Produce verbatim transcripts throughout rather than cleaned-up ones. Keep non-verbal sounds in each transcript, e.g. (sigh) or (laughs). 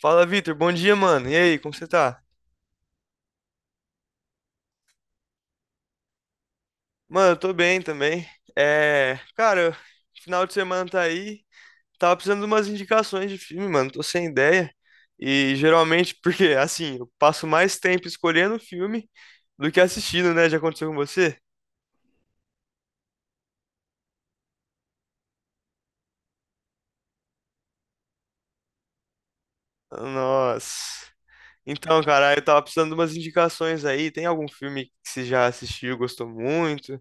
Fala, Vitor. Bom dia, mano. E aí, como você tá? Mano, eu tô bem também. É, cara, final de semana tá aí. Tava precisando de umas indicações de filme, mano. Tô sem ideia. E geralmente, (laughs) porque assim, eu passo mais tempo escolhendo filme do que assistindo, né? Já aconteceu com você? Nossa. Então, cara, eu tava precisando de umas indicações aí. Tem algum filme que você já assistiu, gostou muito?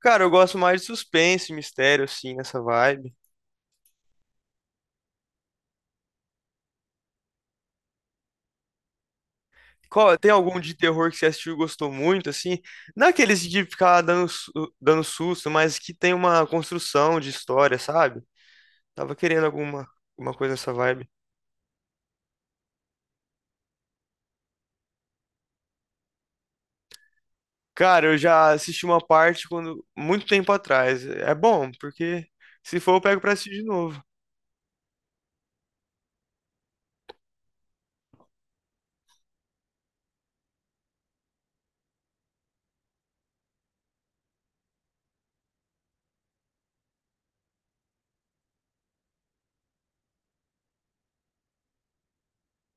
Cara, eu gosto mais de suspense, mistério, assim, nessa vibe. Qual- tem algum de terror que você assistiu e gostou muito, assim? Não aqueles de ficar dando, su- dando susto, mas que tem uma construção de história, sabe? Tava querendo alguma, alguma coisa nessa vibe. Cara, eu já assisti uma parte quando, muito tempo atrás. É bom, porque se for eu pego pra assistir de novo.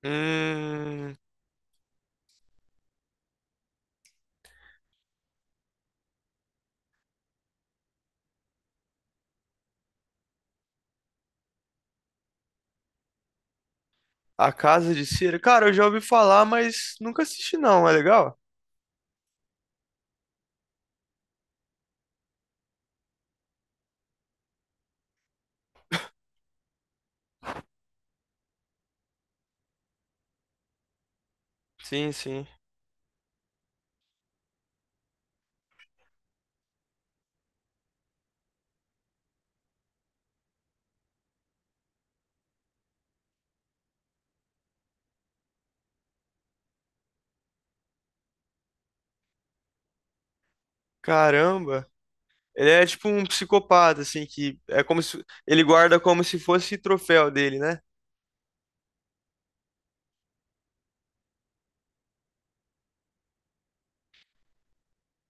Hum, A Casa de Cera. Cara, eu já ouvi falar, mas nunca assisti não. É legal? Sim, sim. Caramba. Ele é tipo um psicopata, assim, que é como se ele guarda como se fosse troféu dele, né?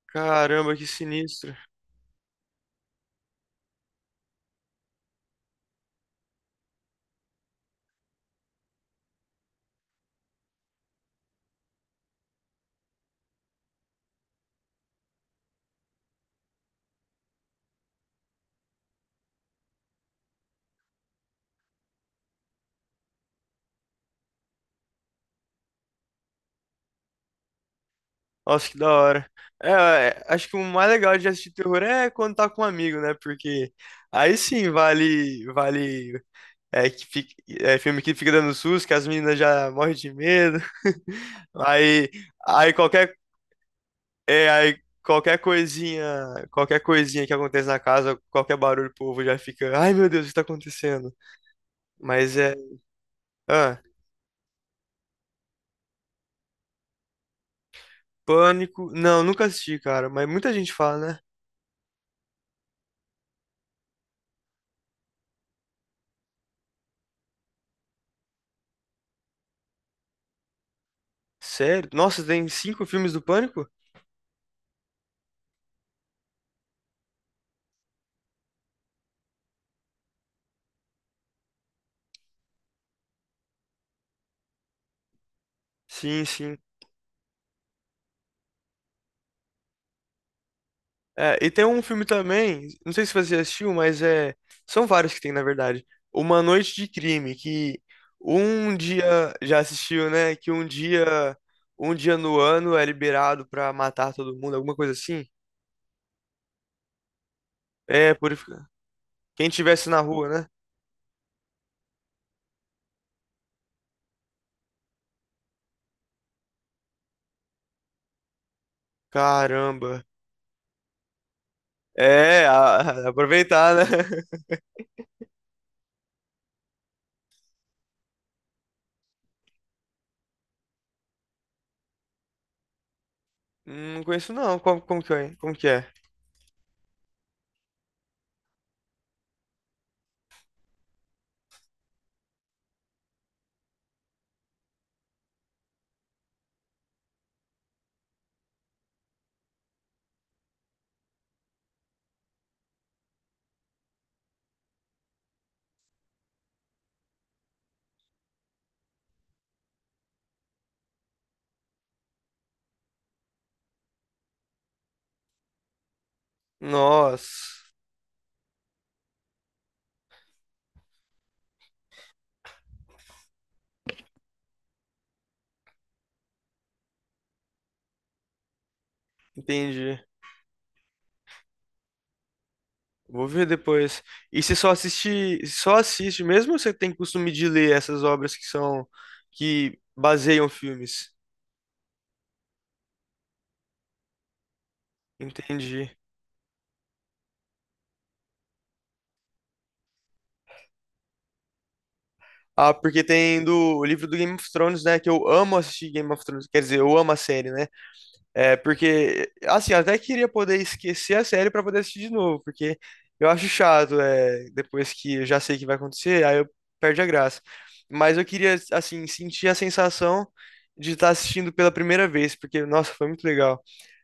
Caramba, que sinistro. Nossa, que da hora. É, é, acho que o mais legal de assistir terror é quando tá com um amigo, né? Porque aí sim vale, vale, é, que fica- é filme que fica dando susto, que as meninas já morrem de medo. (laughs) Aí, aí qualquer, é, aí qualquer coisinha, qualquer coisinha que acontece na casa, qualquer barulho, o povo já fica, ai meu Deus, o que tá acontecendo? Mas é. Ah, Pânico. Não, nunca assisti, cara, mas muita gente fala, né? Sério? Nossa, tem cinco filmes do Pânico? Sim, sim. É, e tem um filme também, não sei se você assistiu, mas é. São vários que tem, na verdade. Uma Noite de Crime, que um dia. Já assistiu, né? Que um dia. Um dia no ano é liberado pra matar todo mundo, alguma coisa assim. É, purificar. Quem tivesse na rua, né? Caramba. É, a- (laughs) aproveitar, né? (laughs) Não conheço não. Como, como que é? Como que é? Nossa, entendi. Vou ver depois. E você só assiste, só assiste mesmo ou você tem costume de ler essas obras que são, que baseiam filmes? Entendi. Ah, porque tem do, o livro do Game of Thrones, né? Que eu amo assistir Game of Thrones. Quer dizer, eu amo a série, né? É, porque, assim, eu até queria poder esquecer a série pra poder assistir de novo, porque eu acho chato, é, depois que eu já sei o que vai acontecer, aí eu perde a graça. Mas eu queria, assim, sentir a sensação de estar assistindo pela primeira vez, porque, nossa, foi muito legal.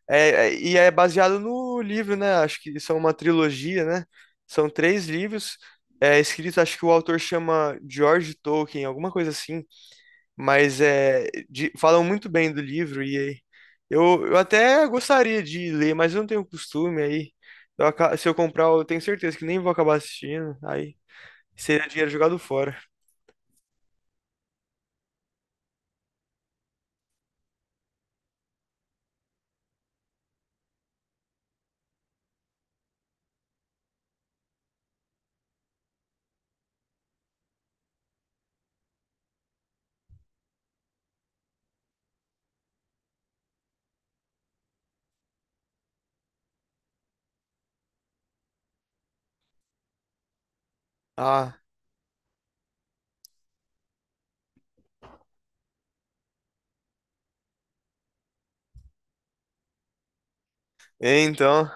É, é, e é baseado no livro, né? Acho que são uma trilogia, né? São três livros, é, escritos, acho que o autor chama George Tolkien, alguma coisa assim. Mas é, de- falam muito bem do livro e eu, eu até gostaria de ler, mas eu não tenho costume aí. Eu aca- se eu comprar, eu tenho certeza que nem vou acabar assistindo. Aí seria dinheiro jogado fora. Ah, é, então.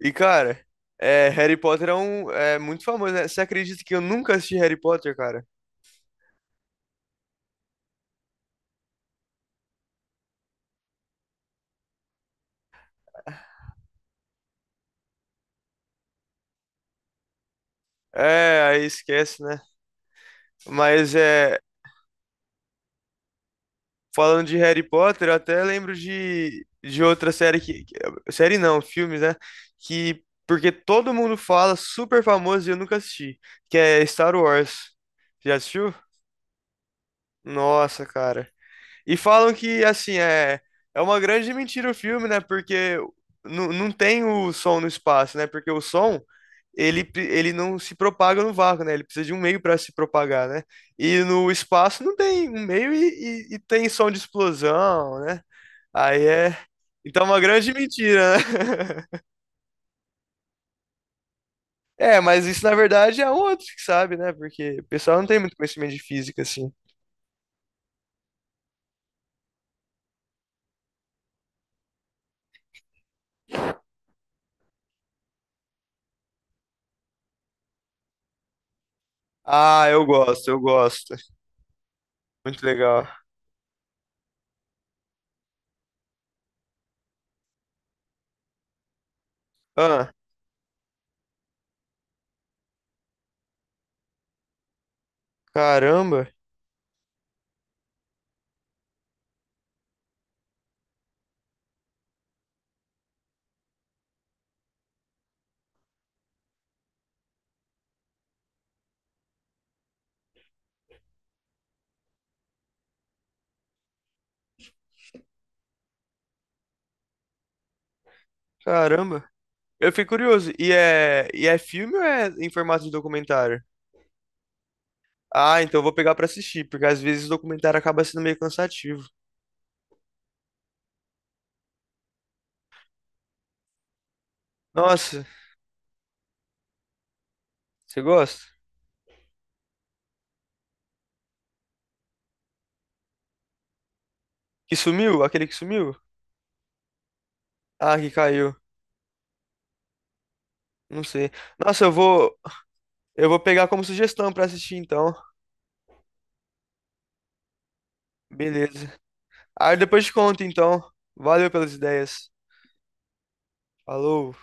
E cara, é, Harry Potter é um é muito famoso, né? Você acredita que eu nunca assisti Harry Potter, cara? É, aí esquece, né? Mas é, falando de Harry Potter, eu até lembro de, de outra série que. que- Série não, filmes, né? Que. Porque todo mundo fala, super famoso e eu nunca assisti. Que é Star Wars. Já assistiu? Nossa, cara. E falam que, assim, é, é uma grande mentira o filme, né? Porque nu- não tem o som no espaço, né? Porque o som, ele, pre- ele não se propaga no vácuo, né? Ele precisa de um meio para se propagar, né? E no espaço não tem um meio e, e, e tem som de explosão, né? Aí é. Então é uma grande mentira, né? (laughs) É, mas isso na verdade é um outro que sabe, né? Porque o pessoal não tem muito conhecimento de física, assim. Ah, eu gosto, eu gosto. Muito legal. Ah, caramba, caramba. Eu fiquei curioso. E é, e é filme ou é em formato de documentário? Ah, então eu vou pegar pra assistir, porque às vezes o documentário acaba sendo meio cansativo. Nossa, você gosta? Que sumiu? Aquele que sumiu? Ah, que caiu. Não sei. Nossa, eu vou, eu vou pegar como sugestão pra assistir então. Beleza. Aí depois te conto, então. Valeu pelas ideias. Falou.